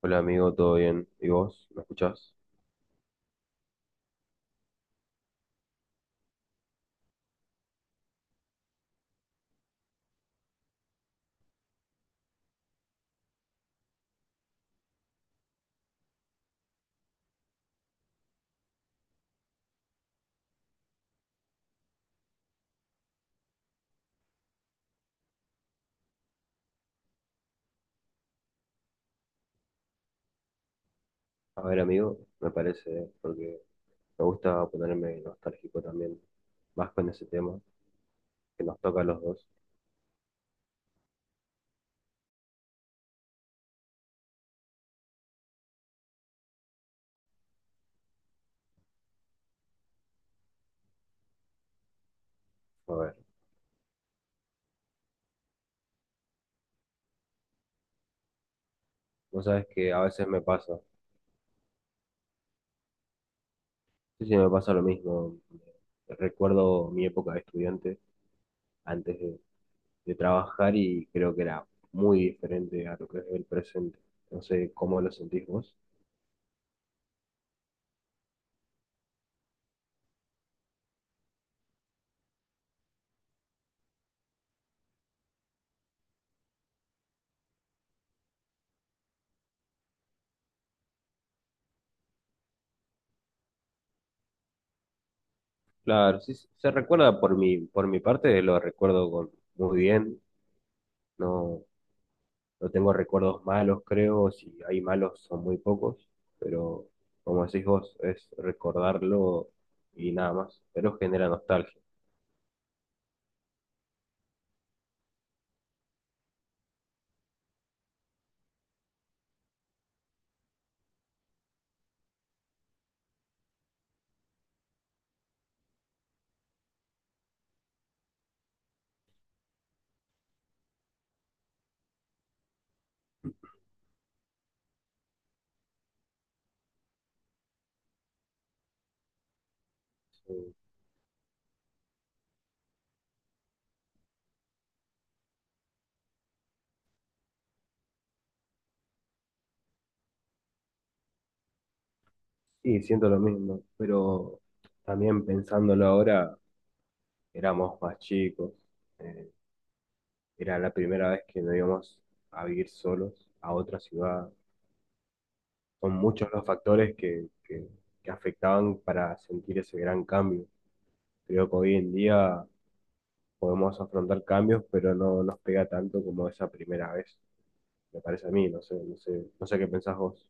Hola amigo, ¿todo bien? ¿Y vos? ¿Me escuchás? A ver amigo, me parece, porque me gusta ponerme nostálgico también, más con ese tema que nos toca a los dos. A ver, vos sabés que a veces me pasa, sí, sí, me pasa lo mismo. Recuerdo mi época de estudiante antes de trabajar y creo que era muy diferente a lo que es el presente. No sé cómo lo sentís vos. Claro, sí, sí, se recuerda por mi parte, lo recuerdo con, muy bien. No, no tengo recuerdos malos, creo, si hay malos son muy pocos, pero como decís vos, es recordarlo y nada más, pero genera nostalgia. Sí, sí, siento lo mismo, pero también pensándolo ahora, éramos más chicos, eh, era la primera vez que nos íbamos a vivir solos a otra ciudad. Son muchos los factores que afectaban para sentir ese gran cambio. Creo que hoy en día podemos afrontar cambios, pero no nos pega tanto como esa primera vez, me parece a mí, no sé, no sé, no sé qué pensás vos.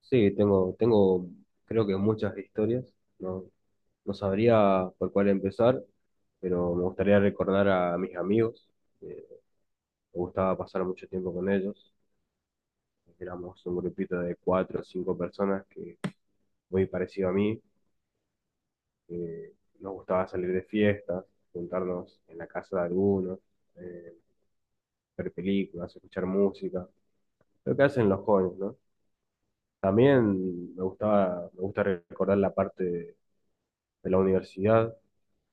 Sí, tengo, tengo, creo que muchas historias, no, no sabría por cuál empezar, pero me gustaría recordar a mis amigos, eh, me gustaba pasar mucho tiempo con ellos, éramos un grupito de cuatro o cinco personas que muy parecido a mí, eh, nos gustaba salir de fiestas, juntarnos en la casa de algunos, eh, ver películas, escuchar música, lo que hacen los jóvenes, ¿no? También me gustaba, me gusta recordar la parte de la universidad,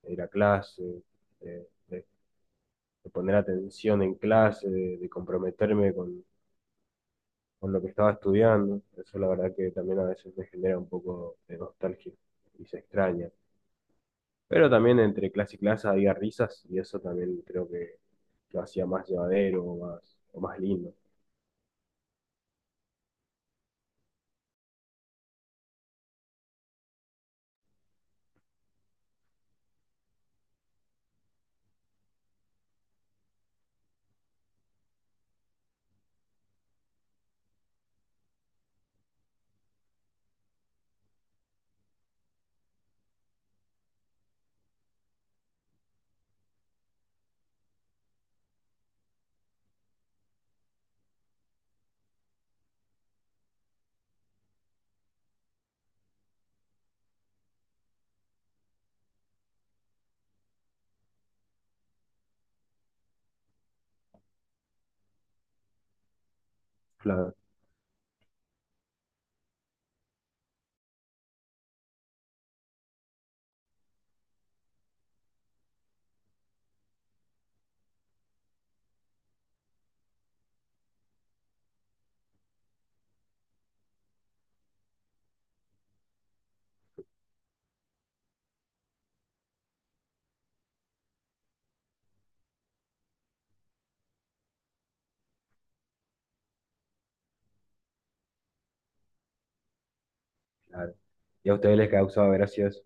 de ir a clase, de, de- de poner atención en clase, de comprometerme con lo que estaba estudiando. Eso la verdad que también a veces me genera un poco de nostalgia y se extraña. Pero también entre clase y clase había risas y eso también creo que lo hacía más llevadero o más lindo. Claro, claro. ¿Y a ustedes les causaba gracias?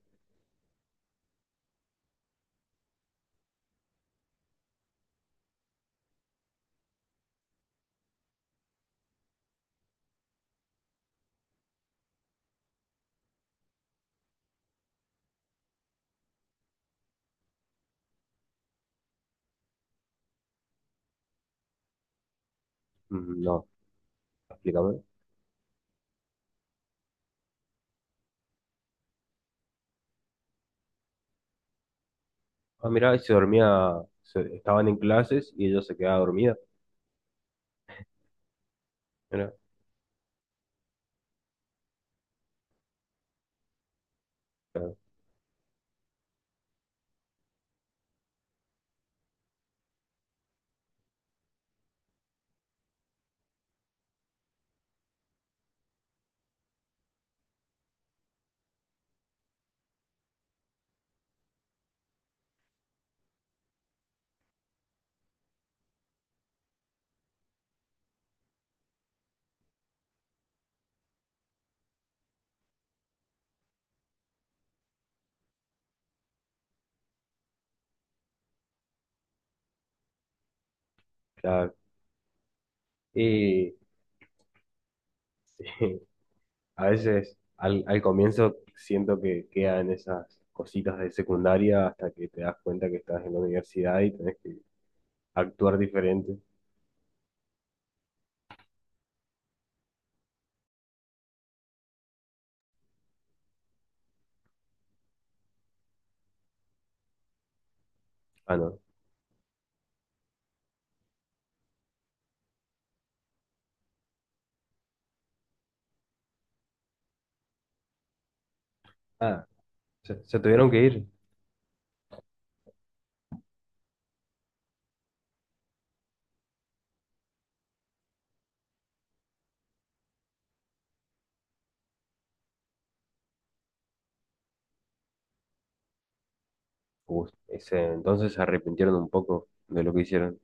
No, explícame. Ah, mirá, y se dormía, se- estaban en clases y ella se quedaba dormida. Mirá, claro, claro. Y a veces al, al comienzo siento que quedan esas cositas de secundaria hasta que te das cuenta que estás en la universidad y tenés que actuar diferente. Ah, no. Ah, se tuvieron que ir. Uy, ese, entonces se arrepintieron un poco de lo que hicieron.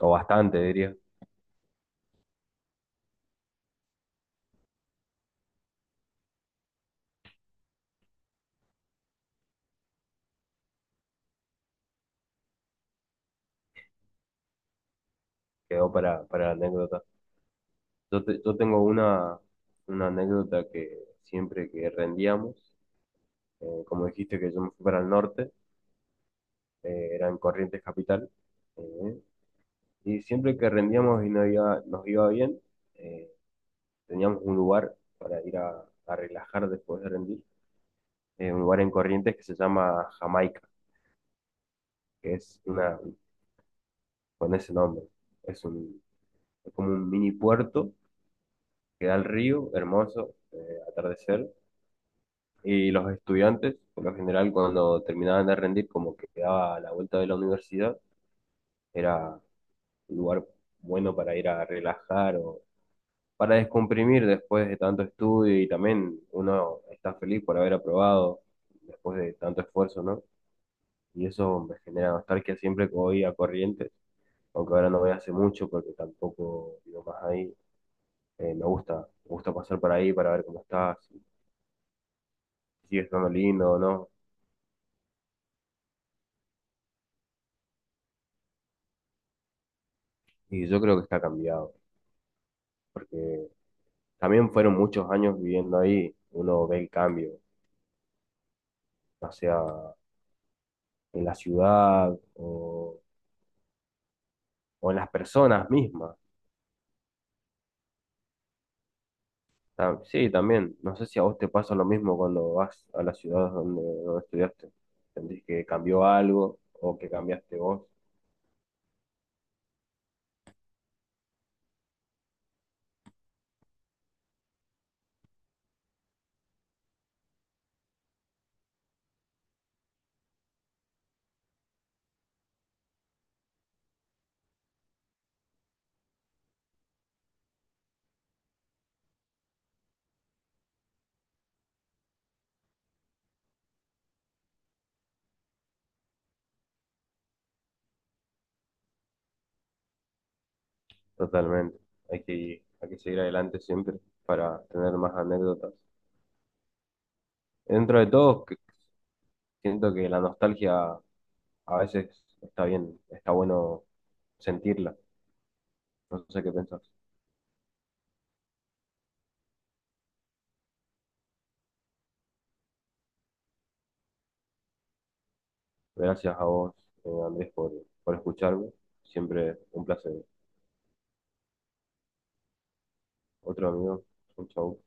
O bastante, diría. Quedó para la anécdota. Yo, te- yo tengo una anécdota que siempre que rendíamos. Como dijiste que yo me fui para el norte, era en Corrientes Capital, eh, y siempre que rendíamos y nos iba bien, eh, teníamos un lugar para ir a relajar después de rendir, un lugar en Corrientes que se llama Jamaica, que es una, con ese nombre, es un, es como un mini puerto que da al río, hermoso, atardecer, y los estudiantes, por lo general, cuando terminaban de rendir, como que quedaba a la vuelta de la universidad, era un lugar bueno para ir a relajar o para descomprimir después de tanto estudio y también uno está feliz por haber aprobado después de tanto esfuerzo, ¿no? Y eso me genera nostalgia siempre que voy a Corrientes, aunque ahora no voy hace mucho porque tampoco vivo más ahí. Me gusta, me gusta pasar por ahí para ver cómo está, si sigue estando lindo o no. Y yo creo que está cambiado, porque también fueron muchos años viviendo ahí, uno ve el cambio, ya sea en la ciudad o en las personas mismas. Ta- Sí, también. No sé si a vos te pasa lo mismo cuando vas a las ciudades donde, donde estudiaste. ¿Sentís que cambió algo o que cambiaste vos? Totalmente. Hay que seguir adelante siempre para tener más anécdotas. Dentro de todo, que- siento que la nostalgia a veces está bien, está bueno sentirla. No sé qué pensás. Gracias a vos, Andrés, por escucharme. Siempre un placer. Otro amigo. Un chau.